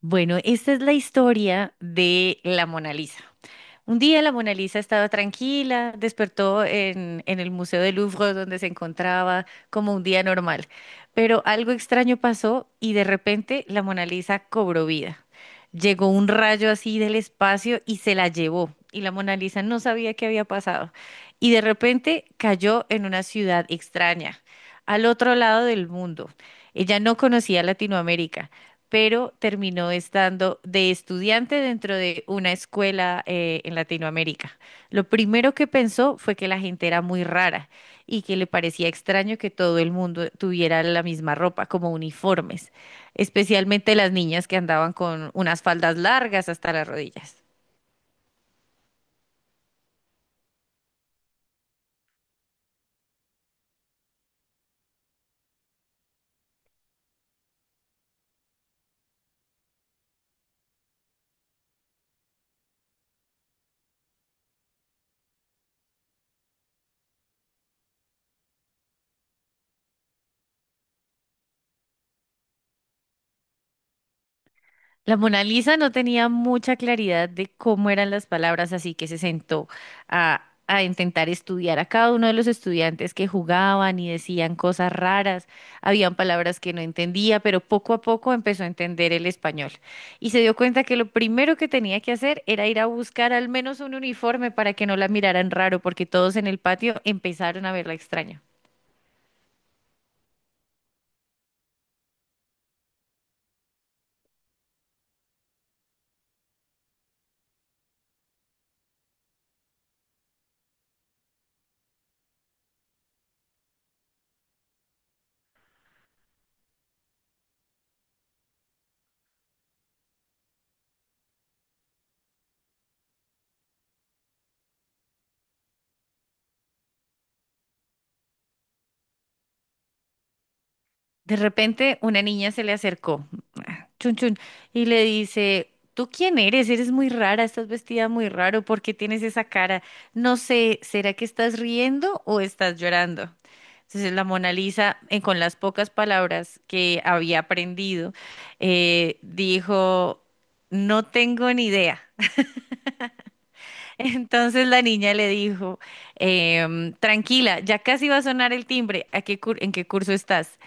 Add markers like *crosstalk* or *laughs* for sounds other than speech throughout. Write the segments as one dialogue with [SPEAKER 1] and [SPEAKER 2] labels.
[SPEAKER 1] Bueno, esta es la historia de la Mona Lisa. Un día la Mona Lisa estaba tranquila, despertó en el Museo del Louvre donde se encontraba como un día normal, pero algo extraño pasó y de repente la Mona Lisa cobró vida. Llegó un rayo así del espacio y se la llevó, y la Mona Lisa no sabía qué había pasado y de repente cayó en una ciudad extraña, al otro lado del mundo. Ella no conocía Latinoamérica, pero terminó estando de estudiante dentro de una escuela en Latinoamérica. Lo primero que pensó fue que la gente era muy rara y que le parecía extraño que todo el mundo tuviera la misma ropa, como uniformes, especialmente las niñas que andaban con unas faldas largas hasta las rodillas. La Mona Lisa no tenía mucha claridad de cómo eran las palabras, así que se sentó a intentar estudiar a cada uno de los estudiantes que jugaban y decían cosas raras. Habían palabras que no entendía, pero poco a poco empezó a entender el español. Y se dio cuenta que lo primero que tenía que hacer era ir a buscar al menos un uniforme para que no la miraran raro, porque todos en el patio empezaron a verla extraña. De repente, una niña se le acercó. Chun Chun, y le dice, ¿tú quién eres? Eres muy rara, estás vestida muy raro, ¿por qué tienes esa cara? No sé, ¿será que estás riendo o estás llorando? Entonces la Mona Lisa, con las pocas palabras que había aprendido, dijo, no tengo ni idea. *laughs* Entonces la niña le dijo, tranquila, ya casi va a sonar el timbre, en qué curso estás?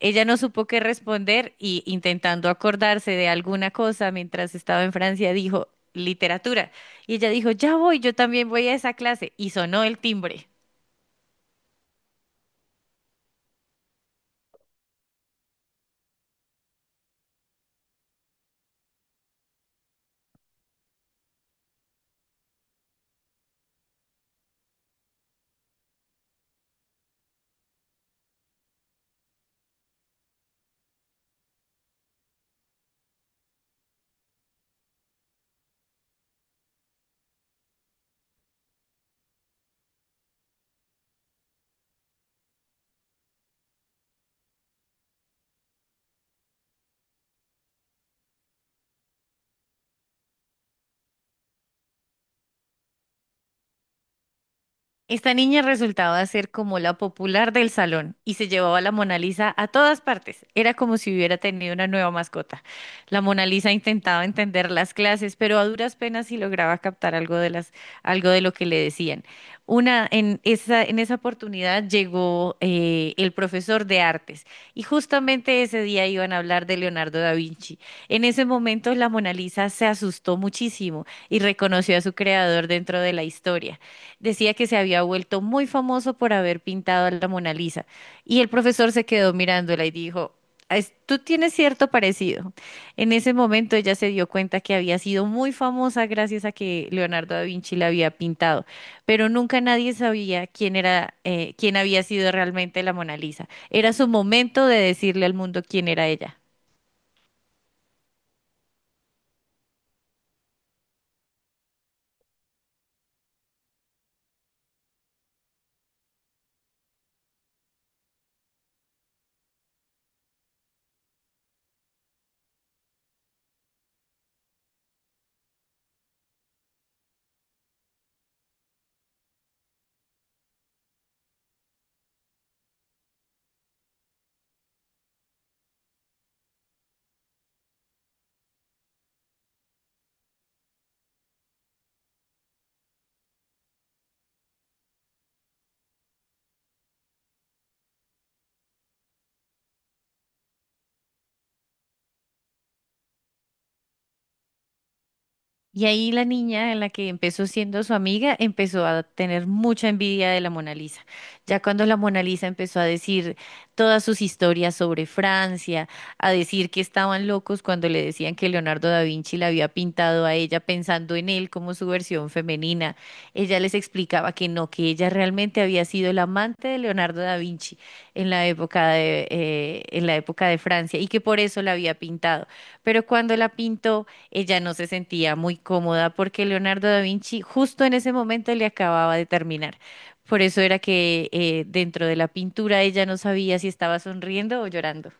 [SPEAKER 1] Ella no supo qué responder y, intentando acordarse de alguna cosa mientras estaba en Francia, dijo, literatura. Y ella dijo, ya voy, yo también voy a esa clase. Y sonó el timbre. Esta niña resultaba ser como la popular del salón y se llevaba la Mona Lisa a todas partes. Era como si hubiera tenido una nueva mascota. La Mona Lisa intentaba entender las clases, pero a duras penas sí lograba captar algo de algo de lo que le decían. En en esa oportunidad llegó el profesor de artes y justamente ese día iban a hablar de Leonardo da Vinci. En ese momento la Mona Lisa se asustó muchísimo y reconoció a su creador dentro de la historia. Decía que se había vuelto muy famoso por haber pintado a la Mona Lisa. Y el profesor se quedó mirándola y dijo, tú tienes cierto parecido." En ese momento ella se dio cuenta que había sido muy famosa gracias a que Leonardo da Vinci la había pintado, pero nunca nadie sabía quién era, quién había sido realmente la Mona Lisa. Era su momento de decirle al mundo quién era ella. Y ahí la niña, en la que empezó siendo su amiga, empezó a tener mucha envidia de la Mona Lisa. Ya cuando la Mona Lisa empezó a decir todas sus historias sobre Francia, a decir que estaban locos cuando le decían que Leonardo da Vinci la había pintado a ella pensando en él como su versión femenina, ella les explicaba que no, que ella realmente había sido la amante de Leonardo da Vinci en la época de Francia, y que por eso la había pintado. Pero cuando la pintó, ella no se sentía muy cómoda porque Leonardo da Vinci justo en ese momento le acababa de terminar. Por eso era que, dentro de la pintura, ella no sabía si estaba sonriendo o llorando.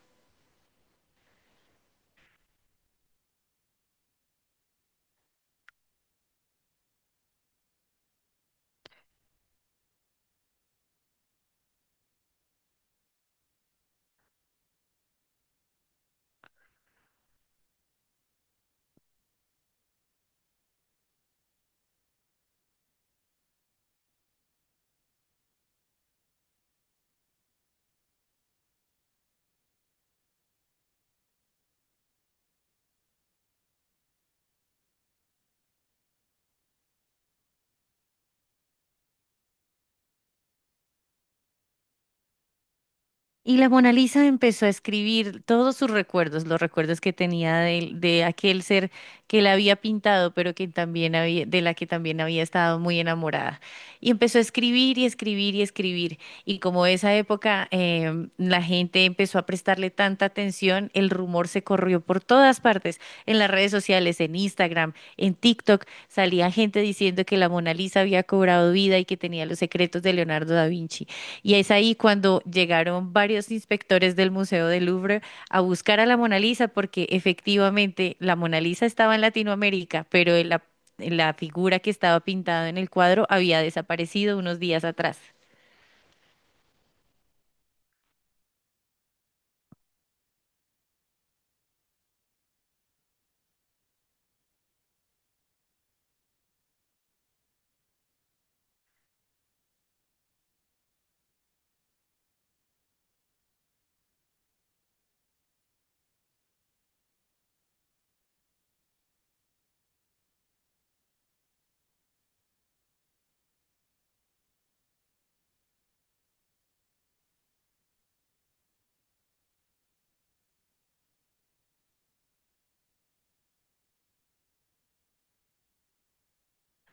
[SPEAKER 1] Y la Mona Lisa empezó a escribir todos sus recuerdos, los recuerdos que tenía de aquel ser que la había pintado, pero que también había, de la que también había estado muy enamorada. Y empezó a escribir y escribir y escribir. Y como esa época, la gente empezó a prestarle tanta atención, el rumor se corrió por todas partes, en las redes sociales, en Instagram, en TikTok, salía gente diciendo que la Mona Lisa había cobrado vida y que tenía los secretos de Leonardo da Vinci. Y es ahí cuando llegaron varios inspectores del Museo del Louvre a buscar a la Mona Lisa, porque efectivamente la Mona Lisa estaba en Latinoamérica, pero la figura que estaba pintada en el cuadro había desaparecido unos días atrás.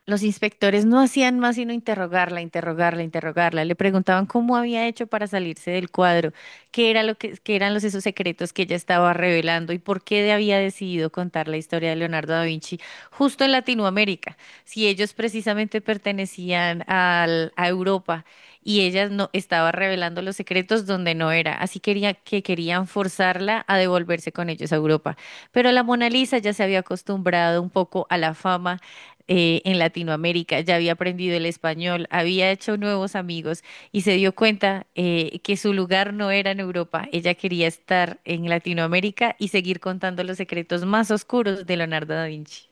[SPEAKER 1] Los inspectores no hacían más sino interrogarla, interrogarla, interrogarla. Le preguntaban cómo había hecho para salirse del cuadro, qué era qué eran los esos secretos que ella estaba revelando y por qué había decidido contar la historia de Leonardo da Vinci justo en Latinoamérica, si ellos precisamente pertenecían a Europa y ella no estaba revelando los secretos donde no era. Así quería que querían forzarla a devolverse con ellos a Europa. Pero la Mona Lisa ya se había acostumbrado un poco a la fama en Latinoamérica, ya había aprendido el español, había hecho nuevos amigos y se dio cuenta, que su lugar no era en Europa. Ella quería estar en Latinoamérica y seguir contando los secretos más oscuros de Leonardo da Vinci.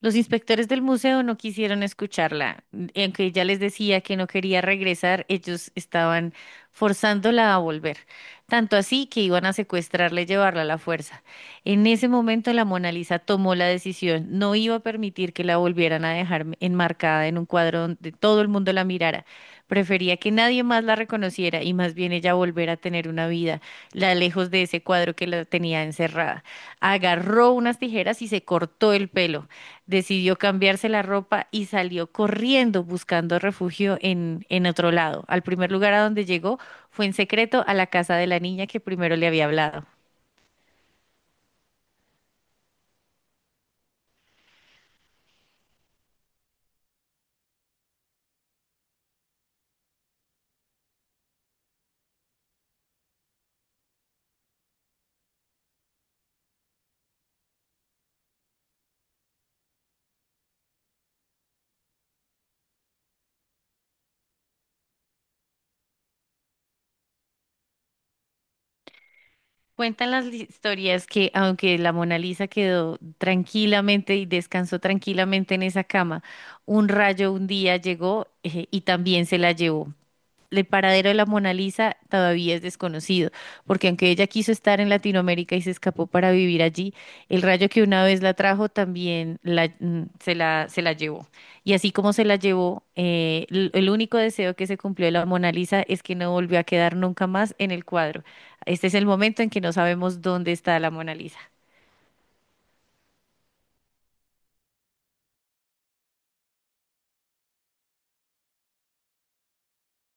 [SPEAKER 1] Los inspectores del museo no quisieron escucharla, y aunque ella les decía que no quería regresar, ellos estaban forzándola a volver, tanto así que iban a secuestrarla y llevarla a la fuerza. En ese momento la Mona Lisa tomó la decisión, no iba a permitir que la volvieran a dejar enmarcada en un cuadro donde todo el mundo la mirara. Prefería que nadie más la reconociera y más bien ella volver a tener una vida, la lejos de ese cuadro que la tenía encerrada. Agarró unas tijeras y se cortó el pelo, decidió cambiarse la ropa y salió corriendo buscando refugio en otro lado. Al primer lugar a donde llegó fue, en secreto, a la casa de la niña que primero le había hablado. Cuentan las historias que, aunque la Mona Lisa quedó tranquilamente y descansó tranquilamente en esa cama, un rayo un día llegó, y también se la llevó. El paradero de la Mona Lisa todavía es desconocido, porque aunque ella quiso estar en Latinoamérica y se escapó para vivir allí, el rayo que una vez la trajo también se se la llevó. Y así como se la llevó, el único deseo que se cumplió de la Mona Lisa es que no volvió a quedar nunca más en el cuadro. Este es el momento en que no sabemos dónde está la Mona Lisa.